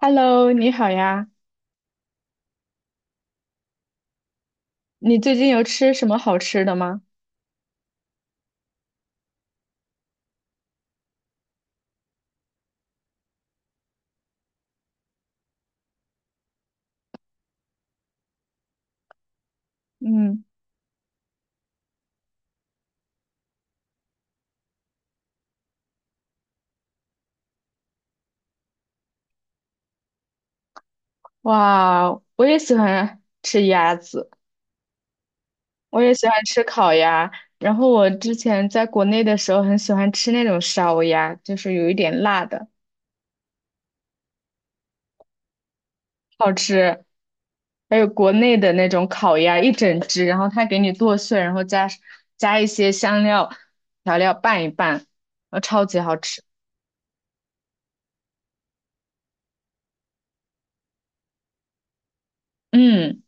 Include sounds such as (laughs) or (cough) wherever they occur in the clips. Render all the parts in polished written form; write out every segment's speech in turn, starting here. Hello，你好呀，你最近有吃什么好吃的吗？嗯，哇，我也喜欢吃鸭子，我也喜欢吃烤鸭。然后我之前在国内的时候很喜欢吃那种烧鸭，就是有一点辣的，好吃。还有国内的那种烤鸭，一整只，然后它给你剁碎，然后加一些香料调料拌一拌，超级好吃。嗯。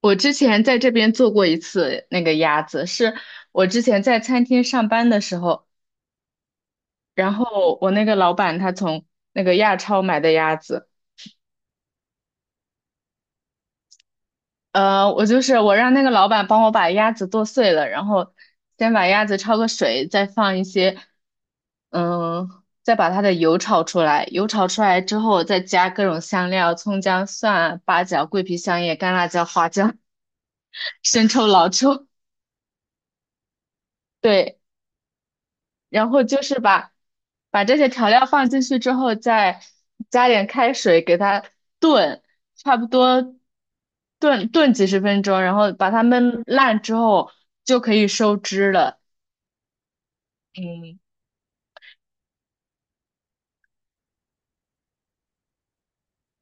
我之前在这边做过一次那个鸭子，是我之前在餐厅上班的时候，然后我那个老板他从那个亚超买的鸭子。我就是我让那个老板帮我把鸭子剁碎了，然后先把鸭子焯个水，再放一些，嗯，再把它的油炒出来，油炒出来之后再加各种香料，葱姜蒜啊、八角、桂皮、香叶、干辣椒、花椒、(laughs) 生抽、老抽。对，然后就是把这些调料放进去之后，再加点开水给它炖，差不多炖炖几十分钟，然后把它焖烂之后就可以收汁了。嗯，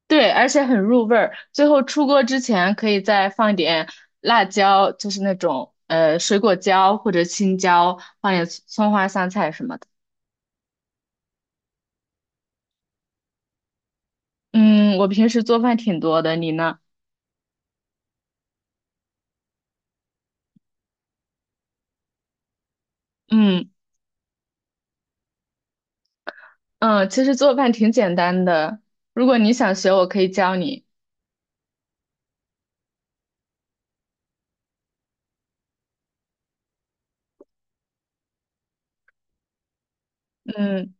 对，而且很入味儿。最后出锅之前可以再放点辣椒，就是那种水果椒或者青椒，放点葱花、香菜什么的。嗯，我平时做饭挺多的，你呢？嗯。嗯，其实做饭挺简单的，如果你想学，我可以教你。嗯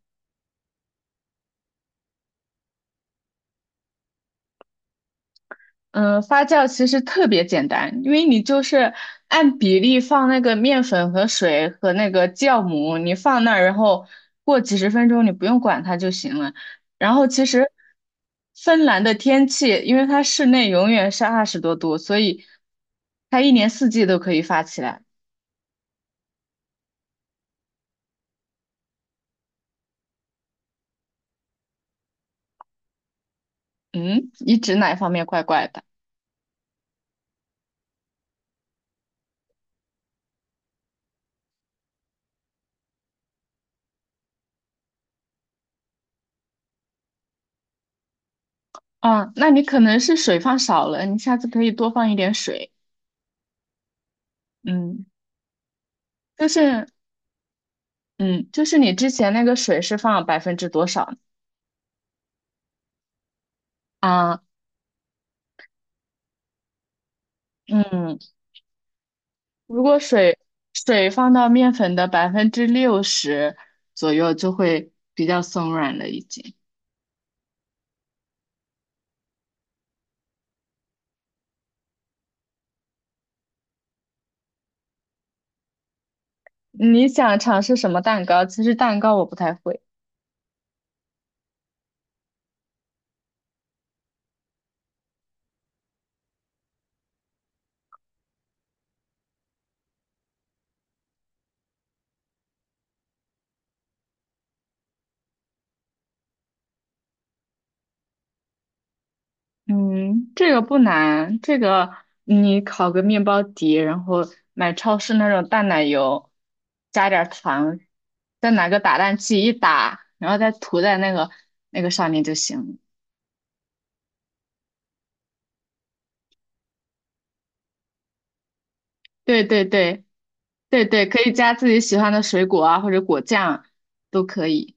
嗯，发酵其实特别简单，因为你就是按比例放那个面粉和水和那个酵母，你放那儿，然后过几十分钟，你不用管它就行了。然后其实芬兰的天气，因为它室内永远是20多度，所以它一年四季都可以发起来。嗯，你指哪方面怪怪的？啊，那你可能是水放少了，你下次可以多放一点水。嗯，就是嗯，就是你之前那个水是放百分之多少啊？嗯，如果水放到面粉的60%左右，就会比较松软了已经。你想尝试什么蛋糕？其实蛋糕我不太会。嗯，这个不难，这个你烤个面包底，然后买超市那种淡奶油，加点儿糖，再拿个打蛋器一打，然后再涂在那个上面就行了。对对对对对，可以加自己喜欢的水果啊，或者果酱都可以。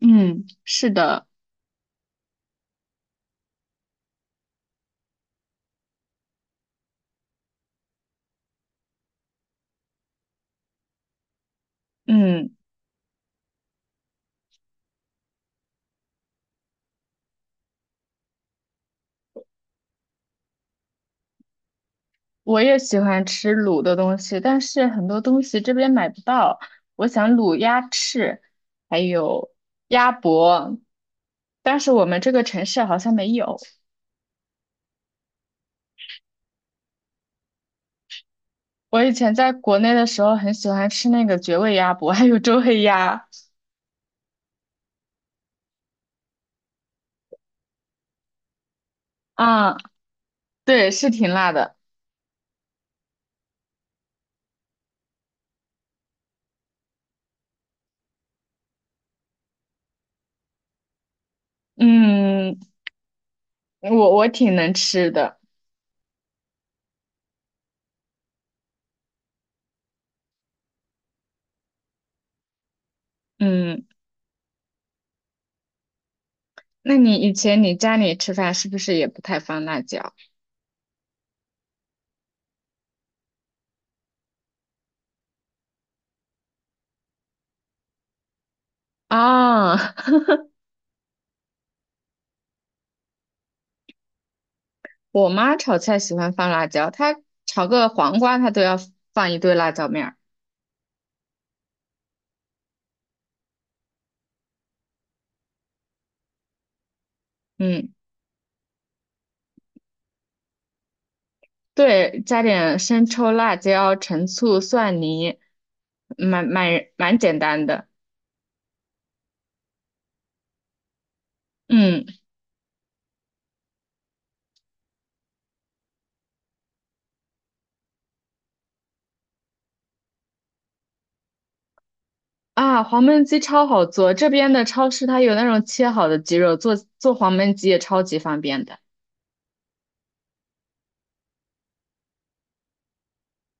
嗯，是的，嗯。我也喜欢吃卤的东西，但是很多东西这边买不到。我想卤鸭翅，还有鸭脖，但是我们这个城市好像没有。我以前在国内的时候很喜欢吃那个绝味鸭脖，(laughs) 还有周黑鸭。啊，对，是挺辣的。嗯，我挺能吃的。嗯，那你以前你家里吃饭是不是也不太放辣椒啊？(laughs) 我妈炒菜喜欢放辣椒，她炒个黄瓜，她都要放一堆辣椒面儿。嗯，对，加点生抽、辣椒、陈醋、蒜泥，蛮蛮蛮简单的。嗯啊，黄焖鸡超好做，这边的超市它有那种切好的鸡肉，做做黄焖鸡也超级方便的。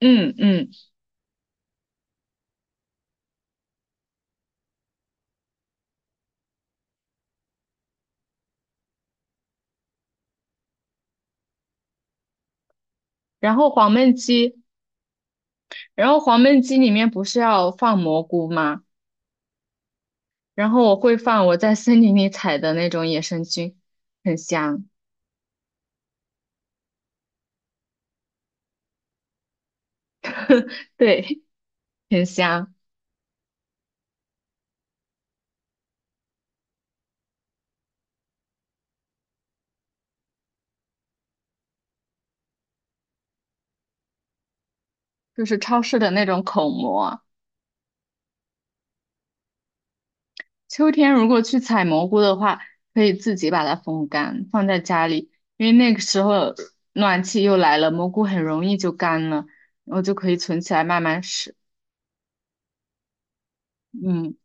嗯嗯，然后黄焖鸡，然后黄焖鸡里面不是要放蘑菇吗？然后我会放我在森林里采的那种野生菌，很香。对。挺香，就是超市的那种口蘑。秋天如果去采蘑菇的话，可以自己把它风干，放在家里，因为那个时候暖气又来了，蘑菇很容易就干了，然后就可以存起来慢慢吃。嗯，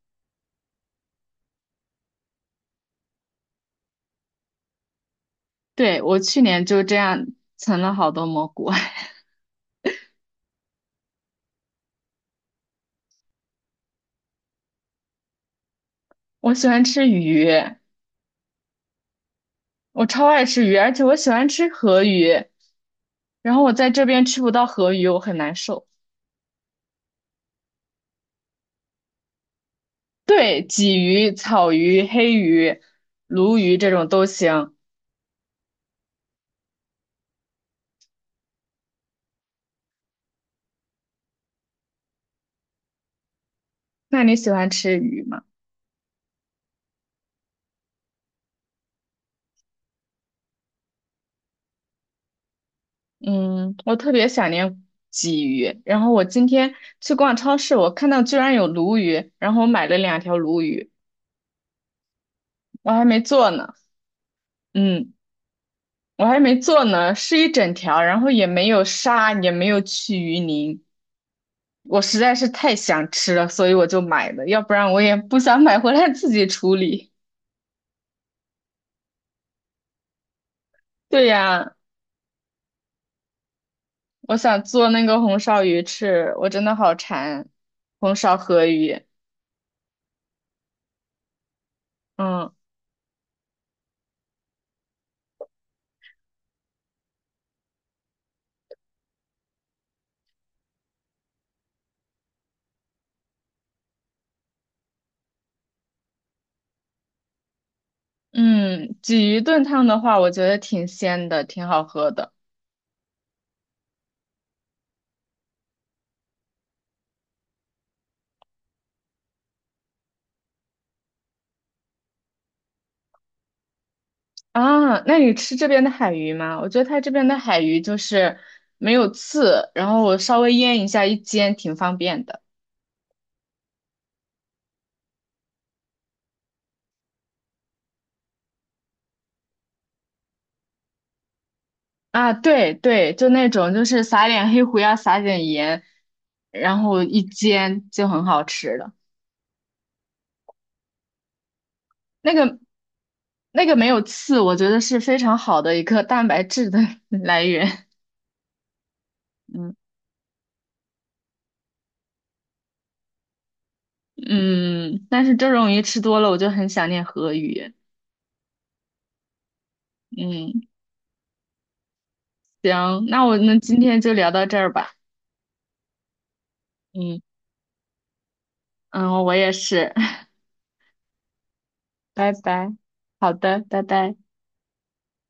对，我去年就这样存了好多蘑菇。(laughs) 我喜欢吃鱼，我超爱吃鱼，而且我喜欢吃河鱼，然后我在这边吃不到河鱼，我很难受。对，鲫鱼、草鱼、黑鱼、鲈鱼这种都行。那你喜欢吃鱼吗？嗯，我特别想念鲫鱼。然后我今天去逛超市，我看到居然有鲈鱼，然后我买了两条鲈鱼，我还没做呢。嗯，我还没做呢，是一整条，然后也没有杀，也没有去鱼鳞。我实在是太想吃了，所以我就买了，要不然我也不想买回来自己处理。对呀，我想做那个红烧鱼吃，我真的好馋红烧河鱼。嗯。嗯，鲫鱼炖汤的话，我觉得挺鲜的，挺好喝的啊。那你吃这边的海鱼吗？我觉得它这边的海鱼就是没有刺，然后我稍微腌一下一煎，挺方便的啊。对对，就那种就是撒点黑胡椒，撒点盐，然后一煎就很好吃了。那个那个没有刺，我觉得是非常好的一个蛋白质的 (laughs) 来源。嗯嗯，但是这种鱼吃多了，我就很想念河鱼。嗯。行，那我们今天就聊到这儿吧。嗯嗯，我也是，(laughs) 拜拜。好的，拜拜。